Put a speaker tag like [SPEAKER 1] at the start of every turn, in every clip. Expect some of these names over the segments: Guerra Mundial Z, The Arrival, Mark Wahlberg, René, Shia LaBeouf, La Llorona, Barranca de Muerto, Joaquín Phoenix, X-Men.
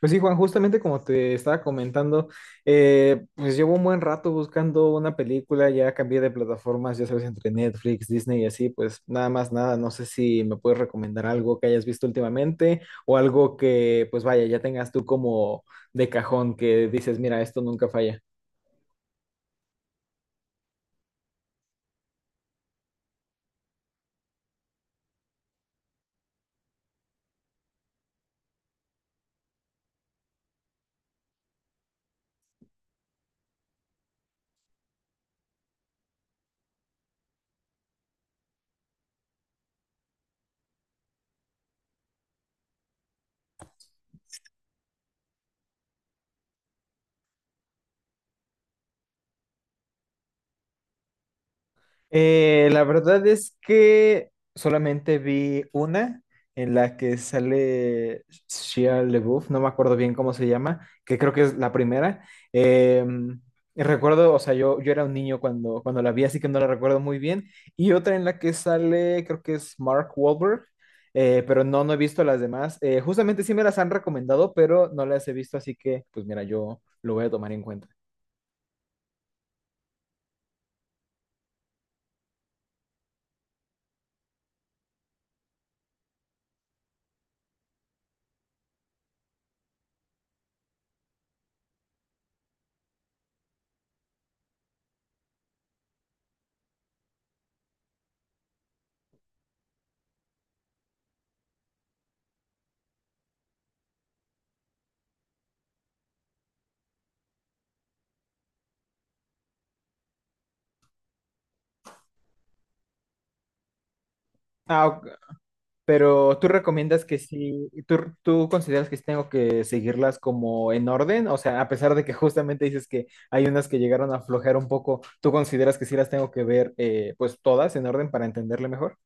[SPEAKER 1] Pues sí, Juan, justamente como te estaba comentando, pues llevo un buen rato buscando una película. Ya cambié de plataformas, ya sabes, entre Netflix, Disney y así, pues nada más nada. No sé si me puedes recomendar algo que hayas visto últimamente o algo que, pues vaya, ya tengas tú como de cajón, que dices, mira, esto nunca falla. La verdad es que solamente vi una en la que sale Shia LaBeouf. No me acuerdo bien cómo se llama, que creo que es la primera. Eh, y recuerdo, o sea, yo era un niño cuando la vi, así que no la recuerdo muy bien. Y otra en la que sale, creo que es Mark Wahlberg, pero no he visto las demás. Justamente sí me las han recomendado, pero no las he visto, así que pues mira, yo lo voy a tomar en cuenta. Ah, ok. Pero tú recomiendas que sí, tú consideras que sí tengo que seguirlas como en orden, o sea, a pesar de que justamente dices que hay unas que llegaron a aflojar un poco, ¿tú consideras que sí las tengo que ver, pues todas en orden para entenderle mejor?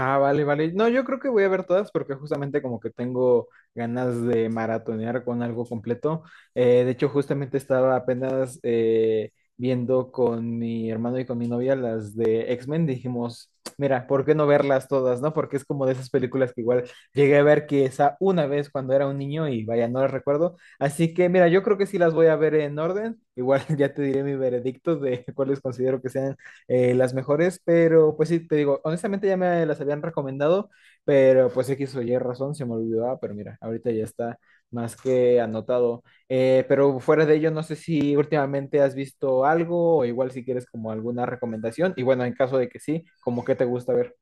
[SPEAKER 1] Ah, vale, vale. No, yo creo que voy a ver todas, porque justamente como que tengo ganas de maratonear con algo completo. De hecho, justamente estaba apenas viendo con mi hermano y con mi novia las de X-Men. Dijimos, mira, ¿por qué no verlas todas, no? Porque es como de esas películas que igual llegué a ver que esa una vez cuando era un niño, y vaya, no las recuerdo. Así que, mira, yo creo que sí las voy a ver en orden. Igual ya te diré mi veredicto de cuáles considero que sean, las mejores, pero pues sí, te digo, honestamente ya me las habían recomendado, pero pues X o Y razón se me olvidaba, pero mira, ahorita ya está más que anotado. Pero fuera de ello, no sé si últimamente has visto algo o igual si quieres como alguna recomendación. Y bueno, en caso de que sí, como qué te gusta ver.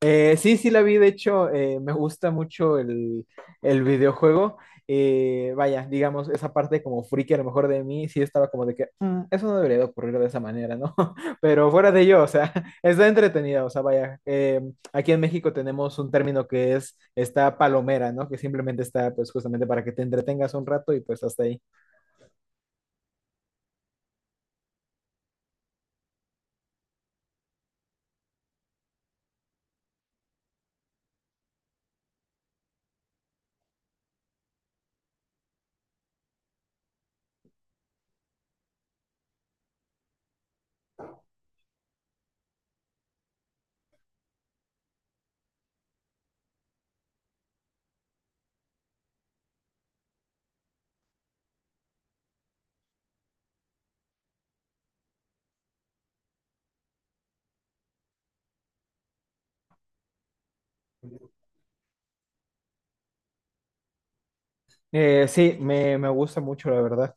[SPEAKER 1] Sí, sí la vi, de hecho. Me gusta mucho el videojuego. Vaya, digamos, esa parte como friki a lo mejor de mí, sí estaba como de que "Mm, eso no debería de ocurrir de esa manera, ¿no?" Pero fuera de ello, o sea, está entretenida, o sea, vaya, aquí en México tenemos un término que es esta palomera, ¿no? Que simplemente está pues justamente para que te entretengas un rato y pues hasta ahí. Sí, me gusta mucho, la verdad.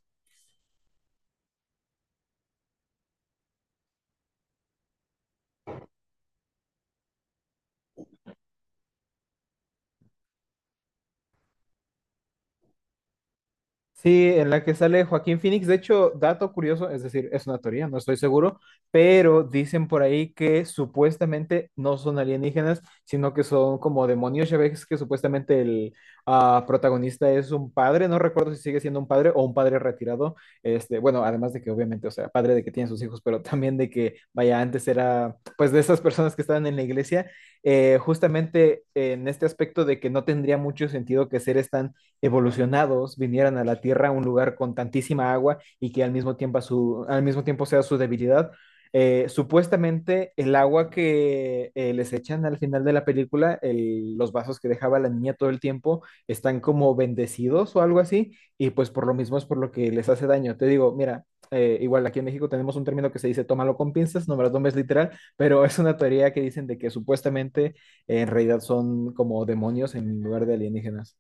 [SPEAKER 1] Sí, en la que sale Joaquín Phoenix. De hecho, dato curioso, es decir, es una teoría, no estoy seguro, pero dicen por ahí que supuestamente no son alienígenas, sino que son como demonios. Ya ves que supuestamente el protagonista es un padre. No recuerdo si sigue siendo un padre o un padre retirado. Este, bueno, además de que obviamente, o sea, padre de que tiene sus hijos, pero también de que, vaya, antes era pues de esas personas que estaban en la iglesia, justamente en este aspecto de que no tendría mucho sentido que seres tan evolucionados vinieran a la Tierra, a un lugar con tantísima agua y que al mismo tiempo, al mismo tiempo sea su debilidad. Supuestamente el agua que les echan al final de la película, los vasos que dejaba la niña todo el tiempo, están como bendecidos o algo así, y pues por lo mismo es por lo que les hace daño. Te digo, mira, igual aquí en México tenemos un término que se dice tómalo con pinzas, no me lo tomes literal, pero es una teoría que dicen de que supuestamente en realidad son como demonios en lugar de alienígenas.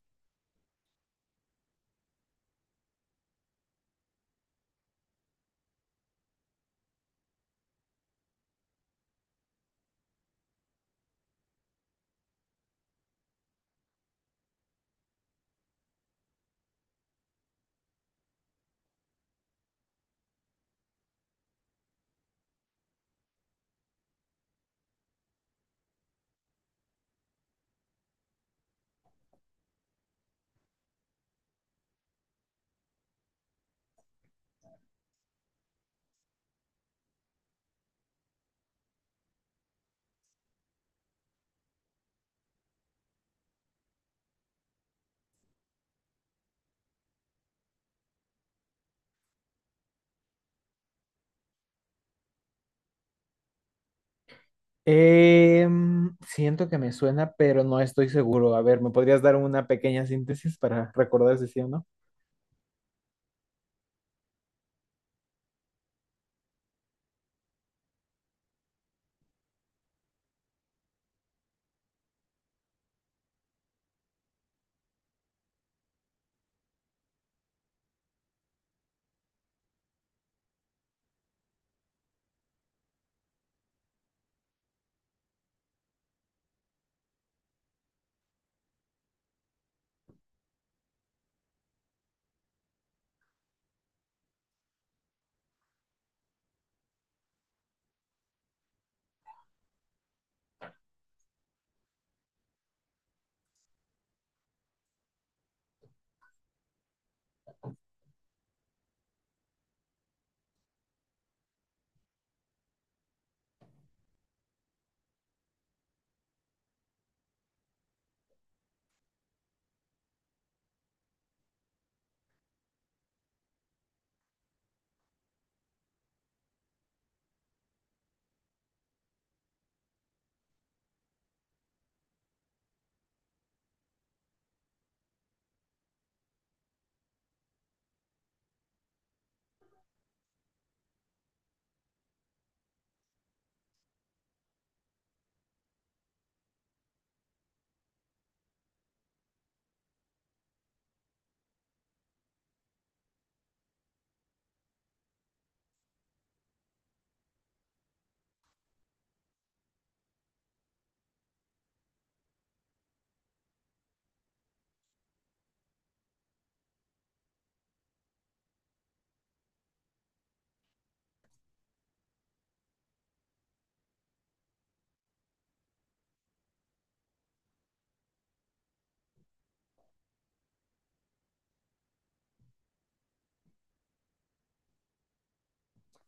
[SPEAKER 1] Siento que me suena, pero no estoy seguro. A ver, ¿me podrías dar una pequeña síntesis para recordar si sí o no?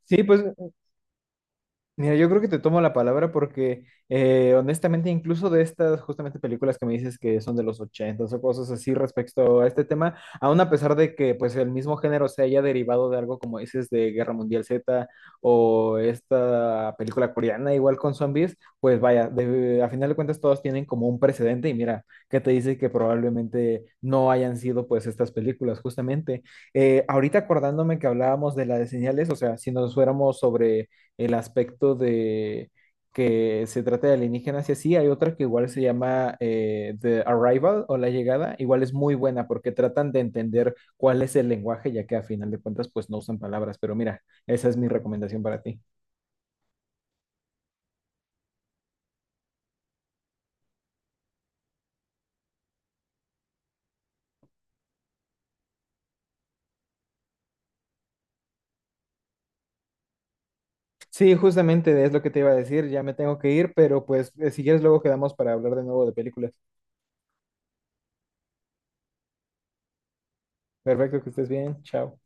[SPEAKER 1] Sí, pues mira, yo creo que te tomo la palabra, porque honestamente incluso de estas justamente películas que me dices que son de los 80 o cosas así respecto a este tema, aún a pesar de que pues el mismo género se haya derivado de algo como dices de Guerra Mundial Z o esta película coreana igual con zombies, pues vaya, a final de cuentas todos tienen como un precedente, y mira, que te dice que probablemente no hayan sido pues estas películas justamente. Ahorita acordándome que hablábamos de la de Señales, o sea, si nos fuéramos sobre el aspecto de que se trata de alienígenas y así. Hay otra que igual se llama, The Arrival o La Llegada. Igual es muy buena porque tratan de entender cuál es el lenguaje, ya que a final de cuentas pues no usan palabras. Pero mira, esa es mi recomendación para ti. Sí, justamente es lo que te iba a decir. Ya me tengo que ir, pero pues si quieres luego quedamos para hablar de nuevo de películas. Perfecto, que estés bien. Chao.